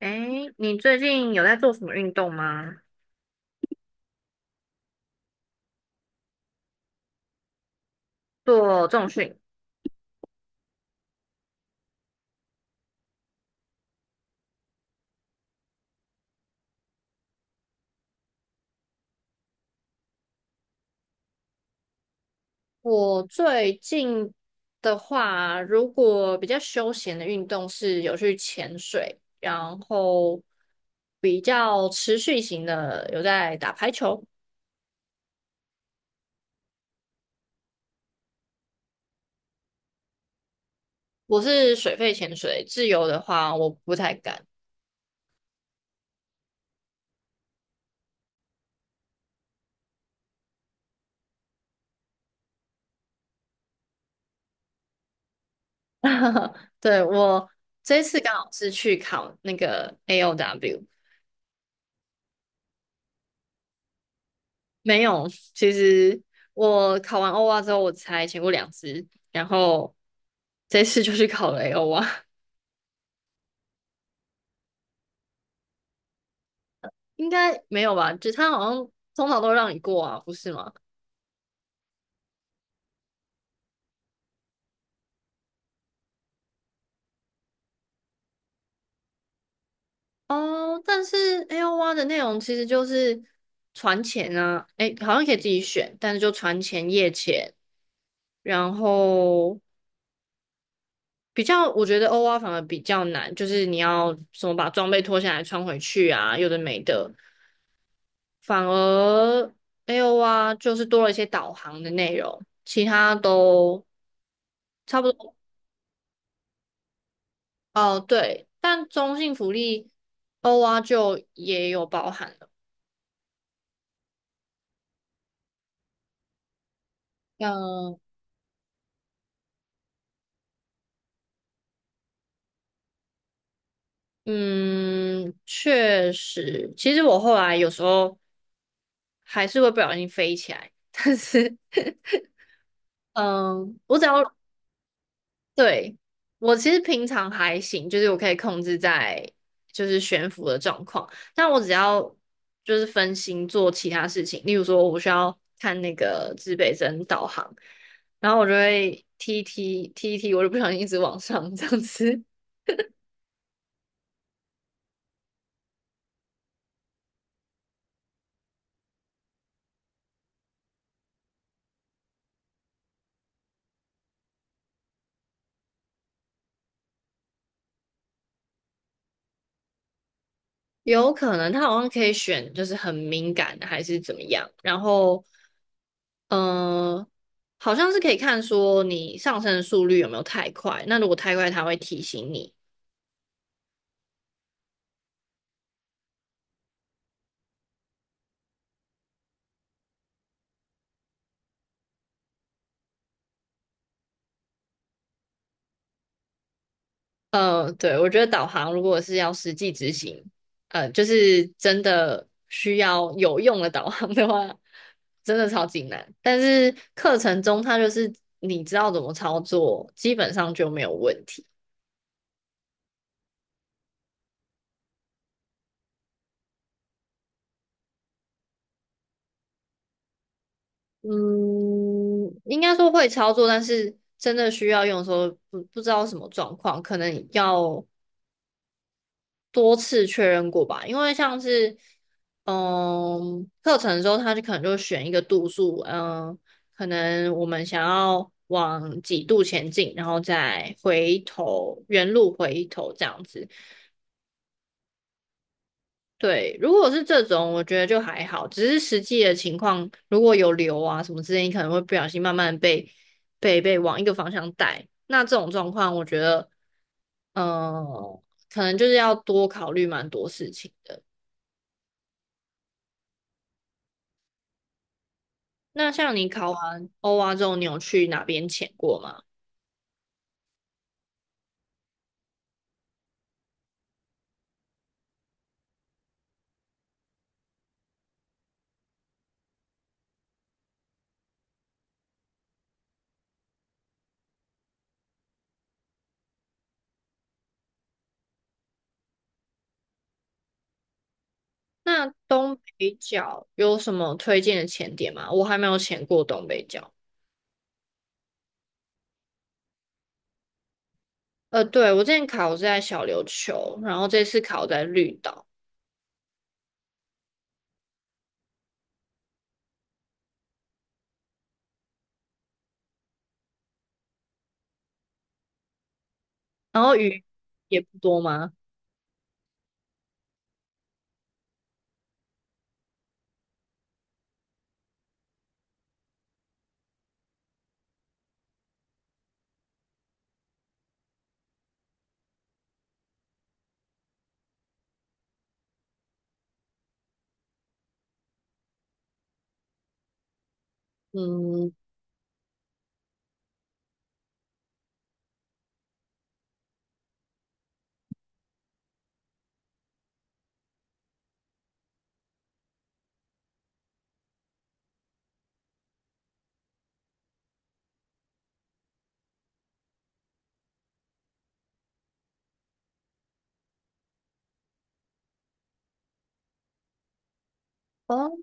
诶，你最近有在做什么运动吗？做重训？我最近的话，如果比较休闲的运动是有去潜水，然后比较持续型的有在打排球。我是水肺潜水，自由的话我不太敢。对，我这次刚好是去考那个 AOW。没有，其实我考完欧蛙之后，我才潜过2次，然后这次就去考了 AO 蛙。应该没有吧？就他好像通常都让你过啊，不是吗？哦，但是 AO 蛙的内容其实就是船潜啊，诶，好像可以自己选，但是就船潜、夜潜，然后比较，我觉得欧蛙反而比较难，就是你要什么把装备脱下来穿回去啊，有的没的。反而 AOR 就是多了一些导航的内容，其他都差不多。哦，对，但中性福利 OR 就也有包含了。嗯嗯，确实，其实我后来有时候还是会不小心飞起来，但是嗯，我只要对，我其实平常还行，就是我可以控制在就是悬浮的状况，但我只要就是分心做其他事情，例如说我需要看那个指北针导航，然后我就会踢一踢踢一踢，我就不小心一直往上这样子。有可能他好像可以选就是很敏感的还是怎么样，然后嗯、呃好像是可以看说你上升的速率有没有太快，那如果太快他会提醒你。嗯，对，我觉得导航如果是要实际执行，呃，就是真的需要有用的导航的话，真的超级难。但是课程中它就是你知道怎么操作，基本上就没有问题。嗯，应该说会操作，但是真的需要用的时候不知道什么状况，可能要多次确认过吧，因为像是嗯课程的时候，他就可能就选一个度数，嗯，可能我们想要往几度前进，然后再回头原路回头这样子。对，如果是这种，我觉得就还好，只是实际的情况，如果有流啊什么之类，你可能会不小心慢慢被往一个方向带。那这种状况，我觉得，嗯、可能就是要多考虑蛮多事情的。那像你考完欧蛙之后，你有去哪边潜过吗？那东北角有什么推荐的潜点吗？我还没有潜过东北角。呃，对，我之前考是在小琉球，然后这次考在绿岛，然后鱼也不多吗？嗯，哦，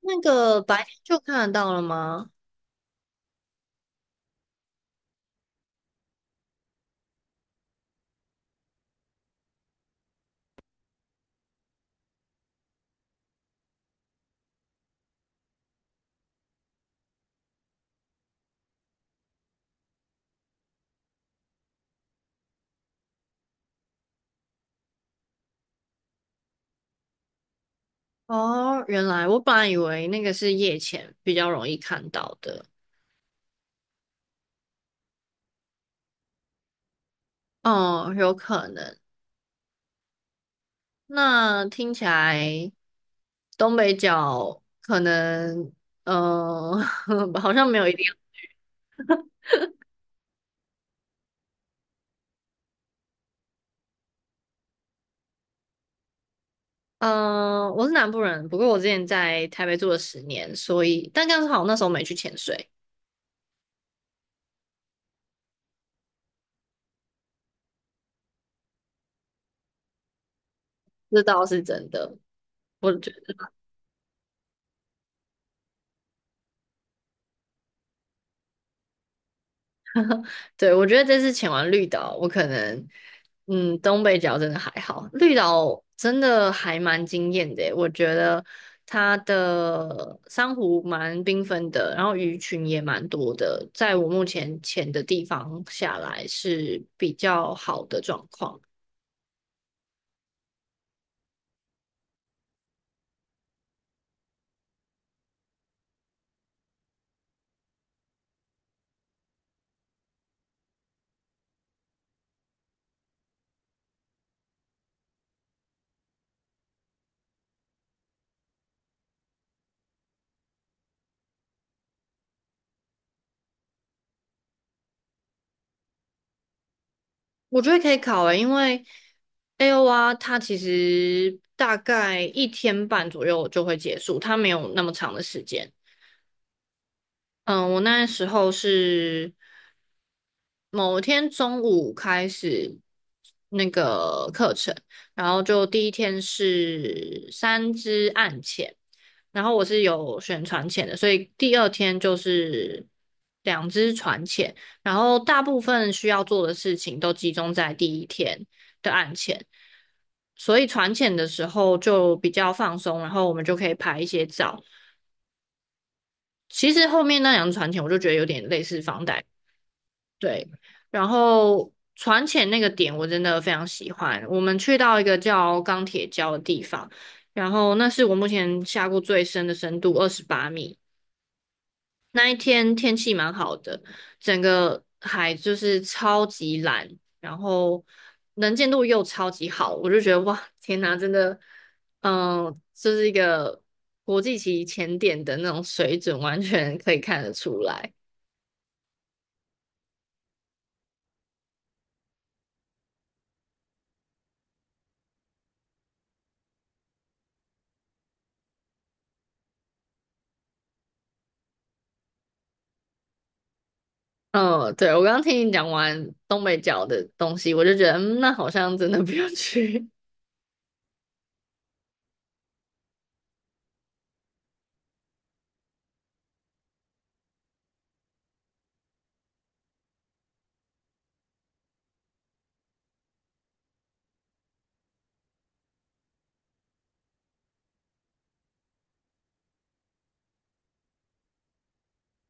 那个白天就看得到了吗？哦，原来我本来以为那个是夜潜比较容易看到的。哦，有可能。那听起来东北角可能，嗯、好像没有一定。嗯、我是南部人，不过我之前在台北住了10年，所以但刚好那时候没去潜水。这倒是真的。我对，我觉得这次潜完绿岛，我可能，嗯，东北角真的还好，绿岛真的还蛮惊艳的耶，我觉得它的珊瑚蛮缤纷的，然后鱼群也蛮多的，在我目前潜的地方下来是比较好的状况。我觉得可以考诶，因为 AOR 它其实大概一天半左右就会结束，它没有那么长的时间。嗯，我那时候是某天中午开始那个课程，然后就第一天是3支暗潜，然后我是有选船潜的，所以第二天就是两支船潜，然后大部分需要做的事情都集中在第一天的暗潜，所以船潜的时候就比较放松，然后我们就可以拍一些照。其实后面那两支船潜我就觉得有点类似房贷。对，然后船潜那个点我真的非常喜欢。我们去到一个叫钢铁礁的地方，然后那是我目前下过最深的深度，28米。那一天天气蛮好的，整个海就是超级蓝，然后能见度又超级好，我就觉得哇，天哪，真的，这是一个国际级潜点的那种水准，完全可以看得出来。嗯，对，我刚刚听你讲完东北角的东西，我就觉得，嗯，那好像真的不用去。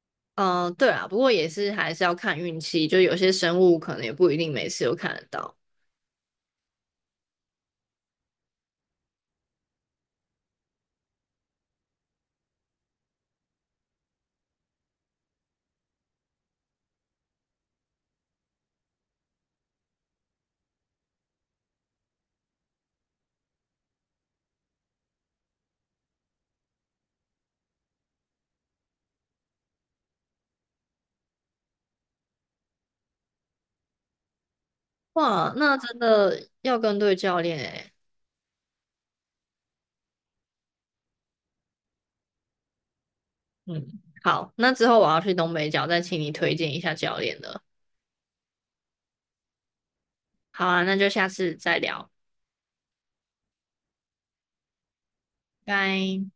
嗯，对啊，不过也是还是要看运气，就有些生物可能也不一定每次都看得到。哇，那真的要跟对教练诶。嗯，好，那之后我要去东北角，再请你推荐一下教练了。好啊，那就下次再聊，拜。